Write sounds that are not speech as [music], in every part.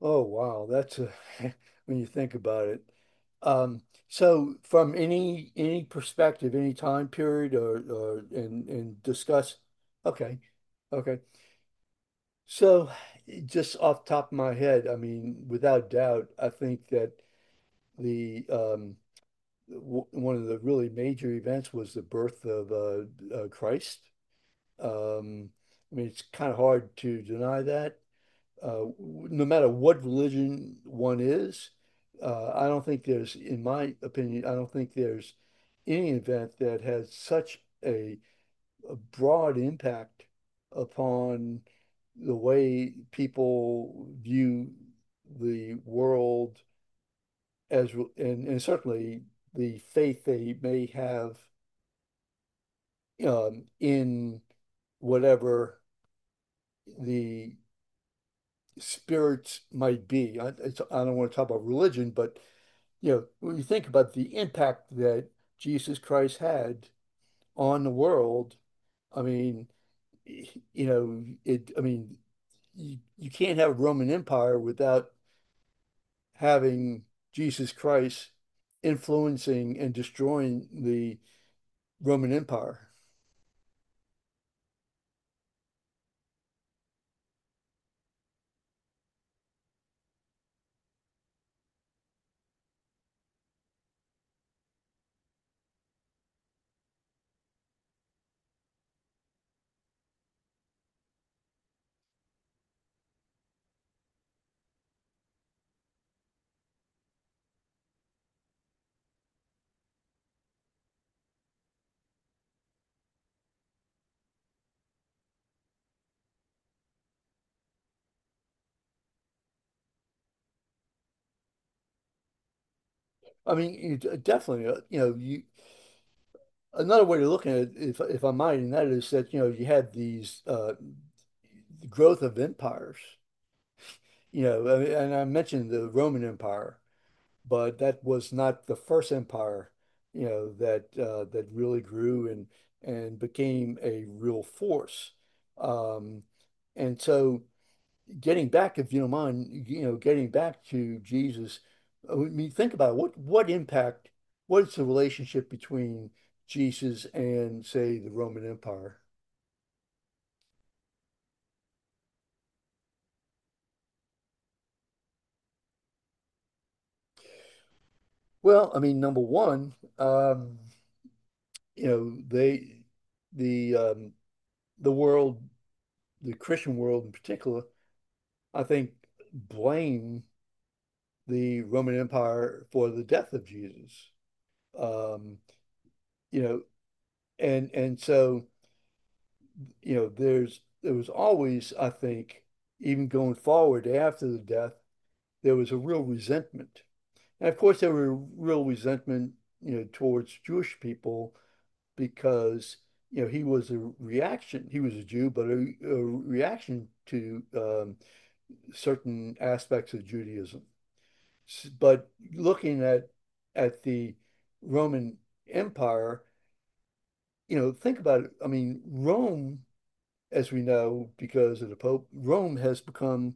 Oh wow, that's a, [laughs] when you think about it. Um, so from any perspective, any time period or and discuss okay. Okay. So just off the top of my head, I mean, without doubt, I think that the w one of the really major events was the birth of Christ. Um, I mean, it's kind of hard to deny that no matter what religion one is, I don't think there's, in my opinion, I don't think there's any event that has such a broad impact upon the way people view the world and certainly the faith they may have in whatever the spirits might be. I don't want to talk about religion, but you know, when you think about the impact that Jesus Christ had on the world, I mean, you know, I mean, you can't have a Roman Empire without having Jesus Christ influencing and destroying the Roman Empire. I mean, definitely, you know, you, another way to look at it, if I might, and that is that, you know, you had these growth of empires. You know, and I mentioned the Roman Empire, but that was not the first empire, you know, that that really grew and became a real force. Um, and so, getting back, if you don't mind, you know, getting back to Jesus, I mean, think about it. What impact? What's the relationship between Jesus and, say, the Roman Empire? Well, I mean, number one, you know, the um the world, the Christian world in particular, I think blame the Roman Empire for the death of Jesus. Um, you know, and so, you know, there was always, I think, even going forward after the death, there was a real resentment. And of course there were real resentment, you know, towards Jewish people because you know he was a reaction. He was a Jew, but a reaction to certain aspects of Judaism. But looking at the Roman Empire, you know, think about it. I mean, Rome, as we know, because of the Pope, Rome has become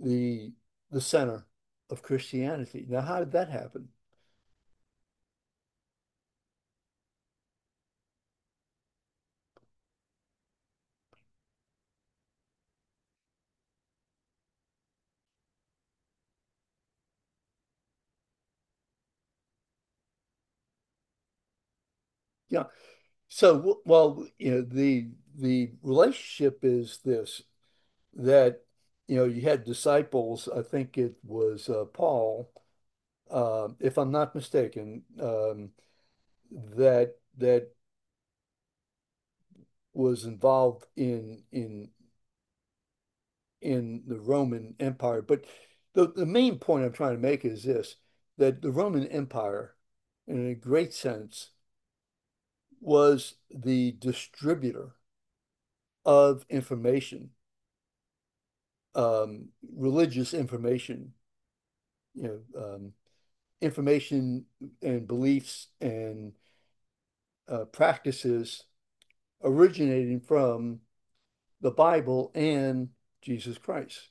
the the center of Christianity. Now, how did that happen? Yeah. So, well, you know, the relationship is this. That you know you had disciples. I think it was Paul, if I'm not mistaken, that was involved in the Roman Empire. But the main point I'm trying to make is this: that the Roman Empire, in a great sense, was the distributor of information, um, religious information. You know, information and beliefs and practices originating from the Bible and Jesus Christ.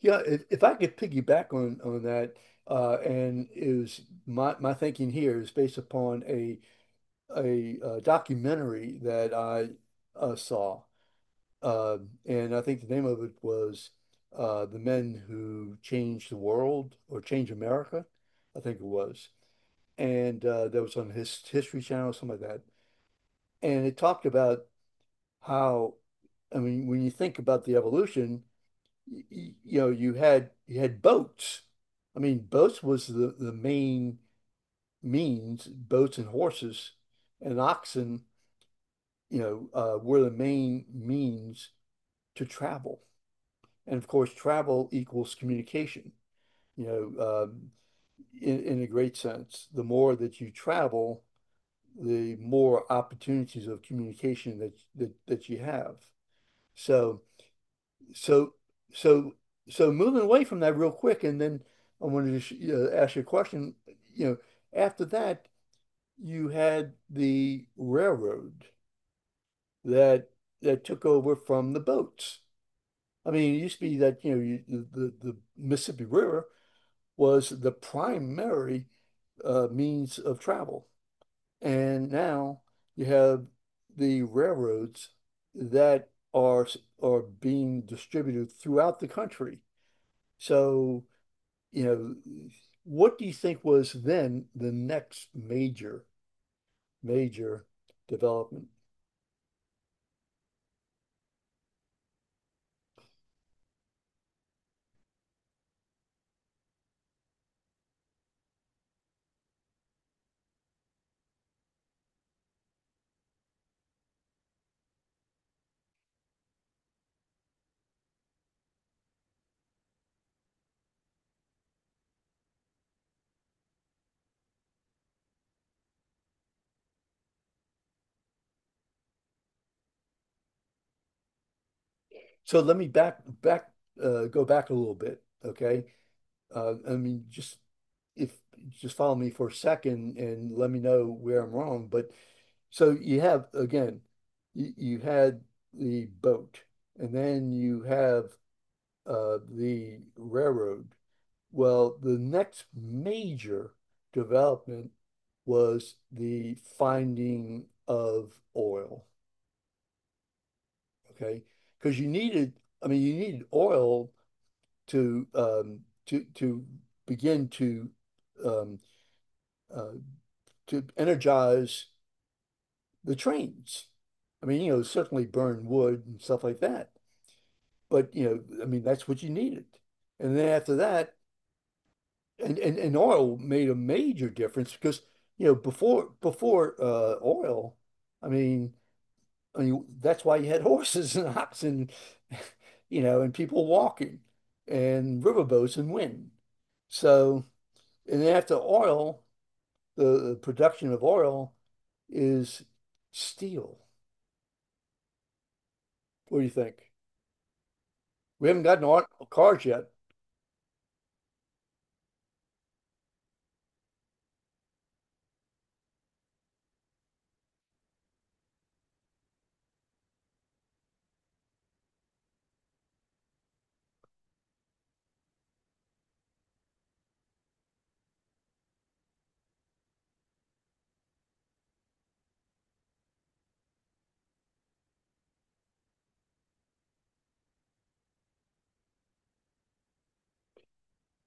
Yeah, if I could piggyback on that, and is my thinking here is based upon a documentary that I saw, uh, and I think the name of it was "The Men Who Changed the World" or "Change America," I think it was, and that was on his History Channel, something like that, and it talked about how I mean, when you think about the evolution, you know, you had boats. I mean, boats was the main means. Boats and horses and oxen, you know, were the main means to travel. And of course, travel equals communication. You know, in a great sense, the more that you travel, the more opportunities of communication that that you have. So. So, so, so moving away from that real quick, and then I wanted to sh ask you a question. You know, after that, you had the railroad that took over from the boats. I mean, it used to be that you know you, the Mississippi River was the primary means of travel, and now you have the railroads that are being distributed throughout the country. So you know, what do you think was then the next major development? So let me go back a little bit. Okay. I mean, just if just follow me for a second and let me know where I'm wrong. But so you have, again, you had the boat and then you have the railroad. Well, the next major development was the finding of oil, okay? Because you needed, I mean, you needed oil to to to begin um, uh, to energize the trains. I mean, you know, certainly burn wood and stuff like that, but you know, I mean, that's what you needed. And then after that, and, and oil made a major difference because you know before oil, I mean I mean that's why you had [laughs] horses and oxen, and, you know, and people walking and riverboats and wind. So and then after oil, the production of oil is steel. What do you think? We haven't gotten on cars yet,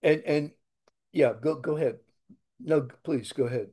and yeah, go ahead. No, please go ahead.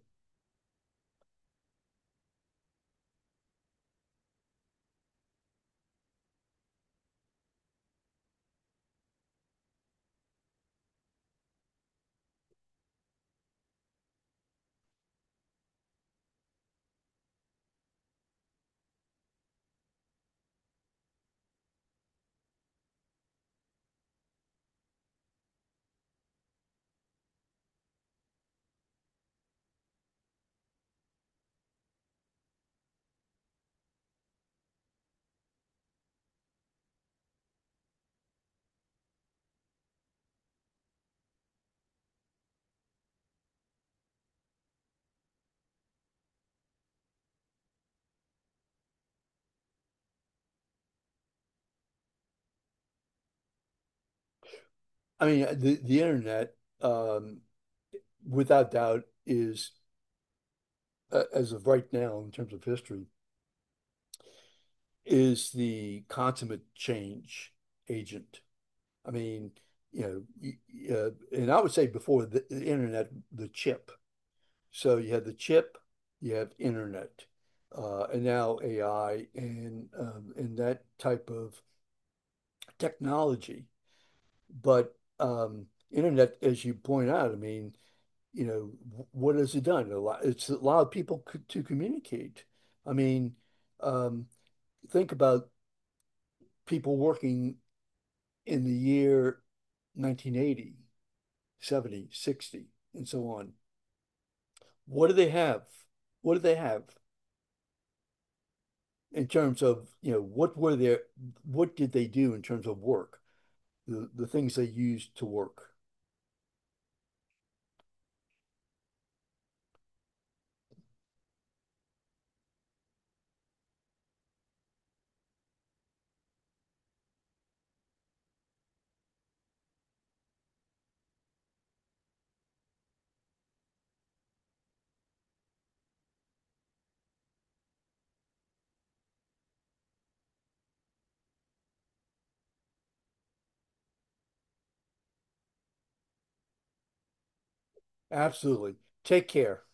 I mean the internet. Um, without doubt, is as of right now, in terms of history, is the consummate change agent. I mean, you know, uh, and I would say before the internet, the chip. So you had the chip, you have internet, and now AI and that type of technology. But internet, as you point out, I mean, you know, what has it done? A lot, it's allowed people c to communicate. I mean, um, think about people working in the year 1980, 70, 60, and so on. What do they have? What do they have in terms of, you know, what were what did they do in terms of work? The things they used to work. Absolutely. Take care.